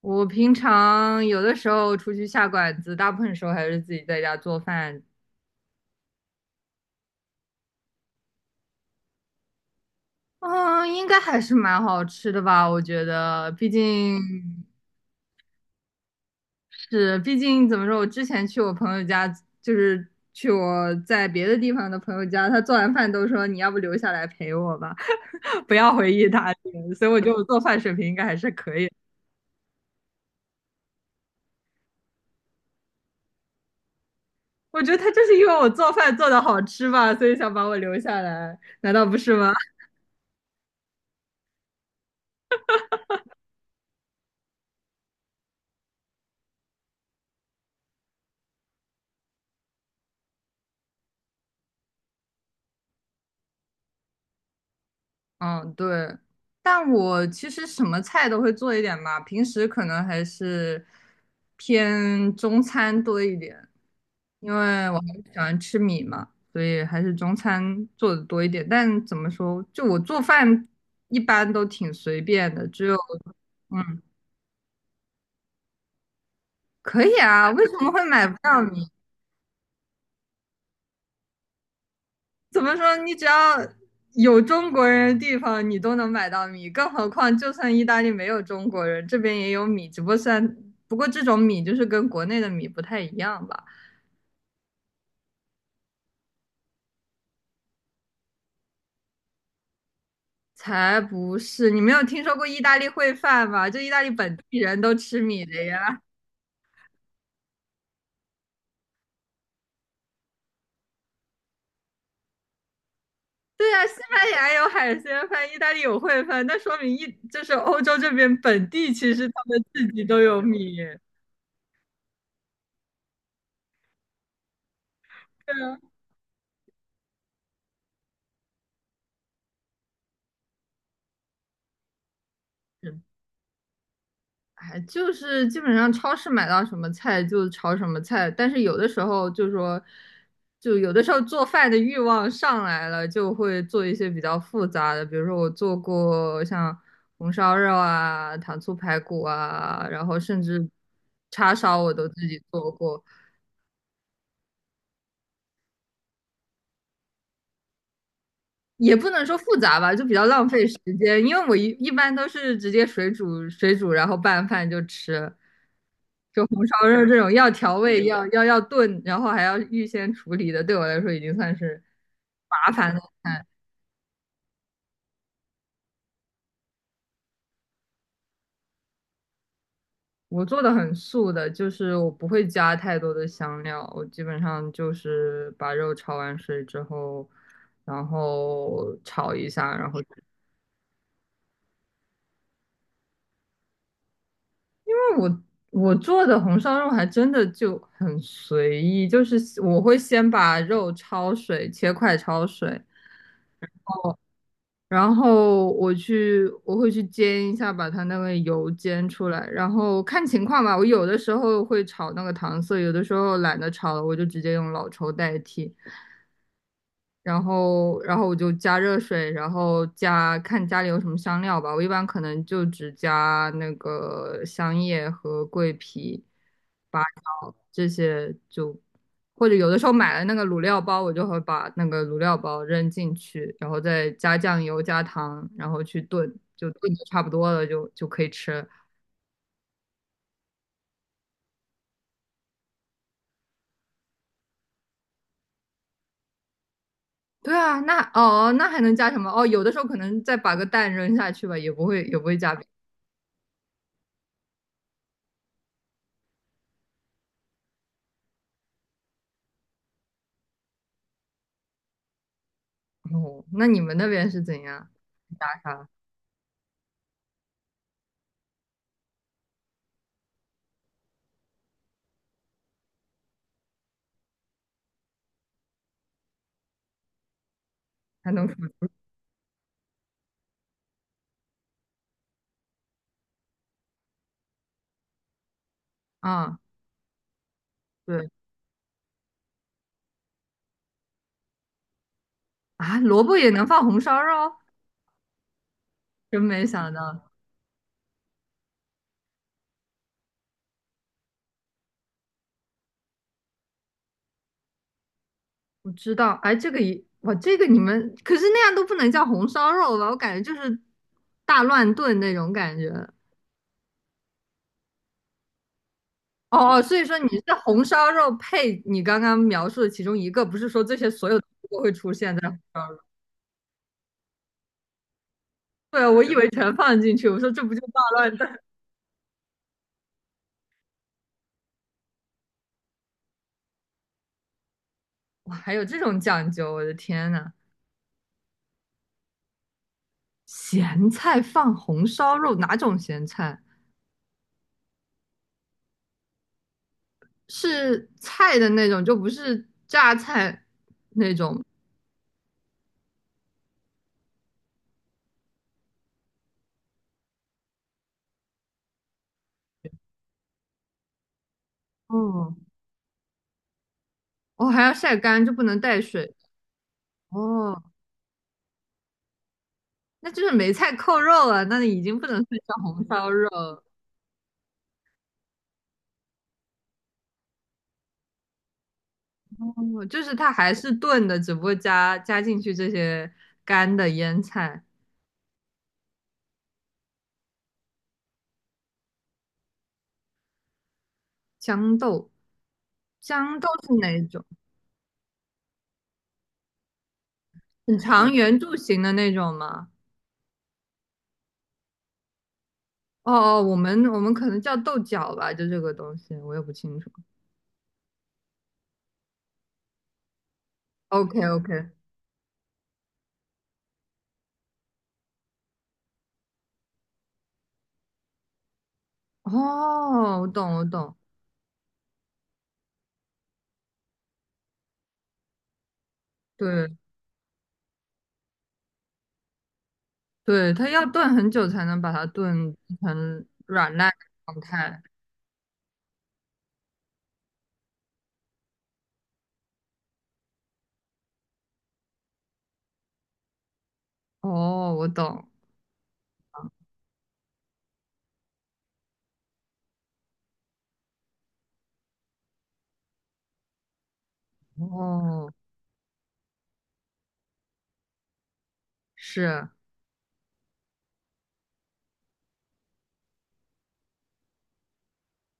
我平常有的时候出去下馆子，大部分时候还是自己在家做饭。嗯，应该还是蛮好吃的吧？我觉得，毕竟怎么说，我之前去我朋友家，就是去我在别的地方的朋友家，他做完饭都说你要不留下来陪我吧，不要回意大利了，所以我觉得我做饭水平应该还是可以。我觉得他就是因为我做饭做的好吃吧，所以想把我留下来，难道不是吗？嗯，对，但我其实什么菜都会做一点吧，平时可能还是偏中餐多一点，因为我很喜欢吃米嘛，所以还是中餐做的多一点。但怎么说，就我做饭一般都挺随便的，只有嗯，可以啊，为什么会买不到米？怎么说？你只要有中国人的地方，你都能买到米。更何况，就算意大利没有中国人，这边也有米，只不过算，不过这种米就是跟国内的米不太一样吧？才不是！你没有听说过意大利烩饭吗？就意大利本地人都吃米的呀。对呀，西班牙有海鲜饭，意大利有烩饭，那说明就是欧洲这边本地其实他们自己都有米。对啊，是，哎，就是基本上超市买到什么菜就炒什么菜，但是有的时候就说，就有的时候做饭的欲望上来了，就会做一些比较复杂的，比如说我做过像红烧肉啊、糖醋排骨啊，然后甚至叉烧我都自己做过，也不能说复杂吧，就比较浪费时间，因为我一般都是直接水煮水煮，然后拌饭就吃，就红烧肉这种要调味、明要白要要炖，然后还要预先处理的，对我来说已经算是麻烦了。我做的很素的，就是我不会加太多的香料，我基本上就是把肉焯完水之后，然后炒一下，然后。我我做的红烧肉还真的就很随意，就是我会先把肉焯水，切块焯水，然后我会去煎一下，把它那个油煎出来，然后看情况吧。我有的时候会炒那个糖色，有的时候懒得炒了，我就直接用老抽代替。然后我就加热水，然后加看家里有什么香料吧。我一般可能就只加那个香叶和桂皮、八角这些就，或者有的时候买了那个卤料包，我就会把那个卤料包扔进去，然后再加酱油、加糖，然后去炖，就炖的差不多了就可以吃了。对啊，那哦，那还能加什么？哦，有的时候可能再把个蛋扔下去吧，也不会加别的。哦，那你们那边是怎样？还能复啊？对啊，萝卜也能放红烧肉，真没想到。我知道，哎，这个一哇，这个你们可是那样都不能叫红烧肉吧？我感觉就是大乱炖那种感觉。哦哦，所以说你是红烧肉配你刚刚描述的其中一个，不是说这些所有都会出现在红烧肉？对啊，我以为全放进去，我说这不就大乱炖？哇，还有这种讲究，我的天呐！咸菜放红烧肉，哪种咸菜？是菜的那种，就不是榨菜那种。哦，哦，还要晒干，就不能带水。哦，那就是梅菜扣肉了，那已经不能算叫红烧肉了。哦，就是它还是炖的，只不过加进去这些干的腌菜。豇豆，豇豆是哪一种？很长圆柱形的那种吗？哦哦，我们可能叫豆角吧，就这个东西，我也不清楚。OK OK，哦，我懂我懂，对。对，它要炖很久才能把它炖成软烂的状态。哦，我懂。哦，是，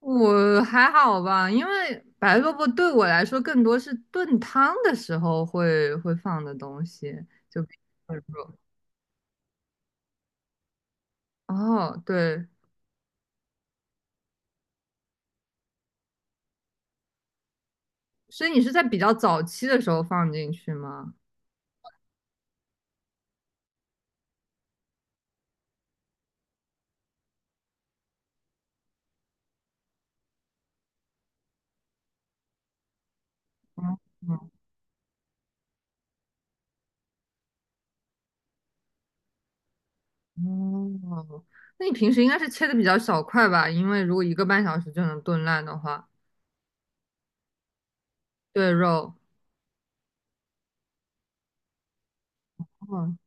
我还好吧，因为白萝卜对我来说更多是炖汤的时候会放的东西，就比如说哦，对，所以你是在比较早期的时候放进去吗？嗯嗯，哦，那你平时应该是切的比较小块吧？因为如果一个半小时就能炖烂的话，对肉。哦，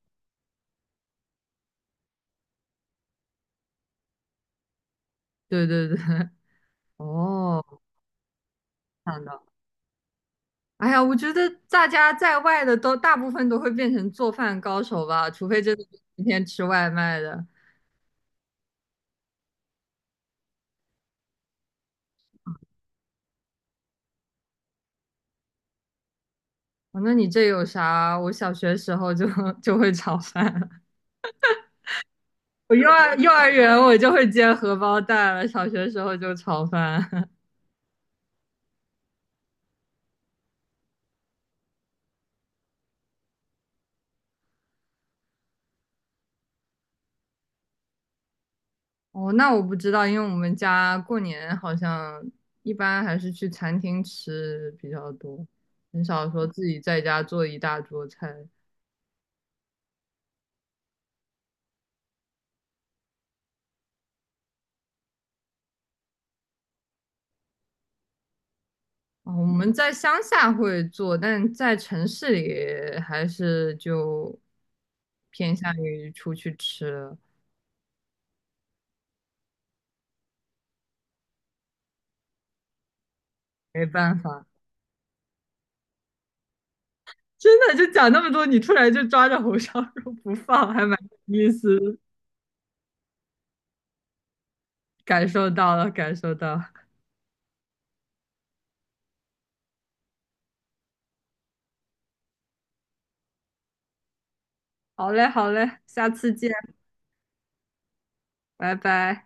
对对对，哦，看到，哎呀，我觉得大家在外的都大部分都会变成做饭高手吧，除非真的是天天吃外卖的。哦，那你这有啥？我小学时候就 就会炒饭，我幼儿园我就会煎荷包蛋了，小学时候就炒饭。哦，那我不知道，因为我们家过年好像一般还是去餐厅吃比较多，很少说自己在家做一大桌菜。哦，我们在乡下会做，但在城市里还是就偏向于出去吃了，没办法。真的，就讲那么多，你突然就抓着红烧肉不放，还蛮有意思的，感受到了，感受到了。好嘞，好嘞，下次见，拜拜。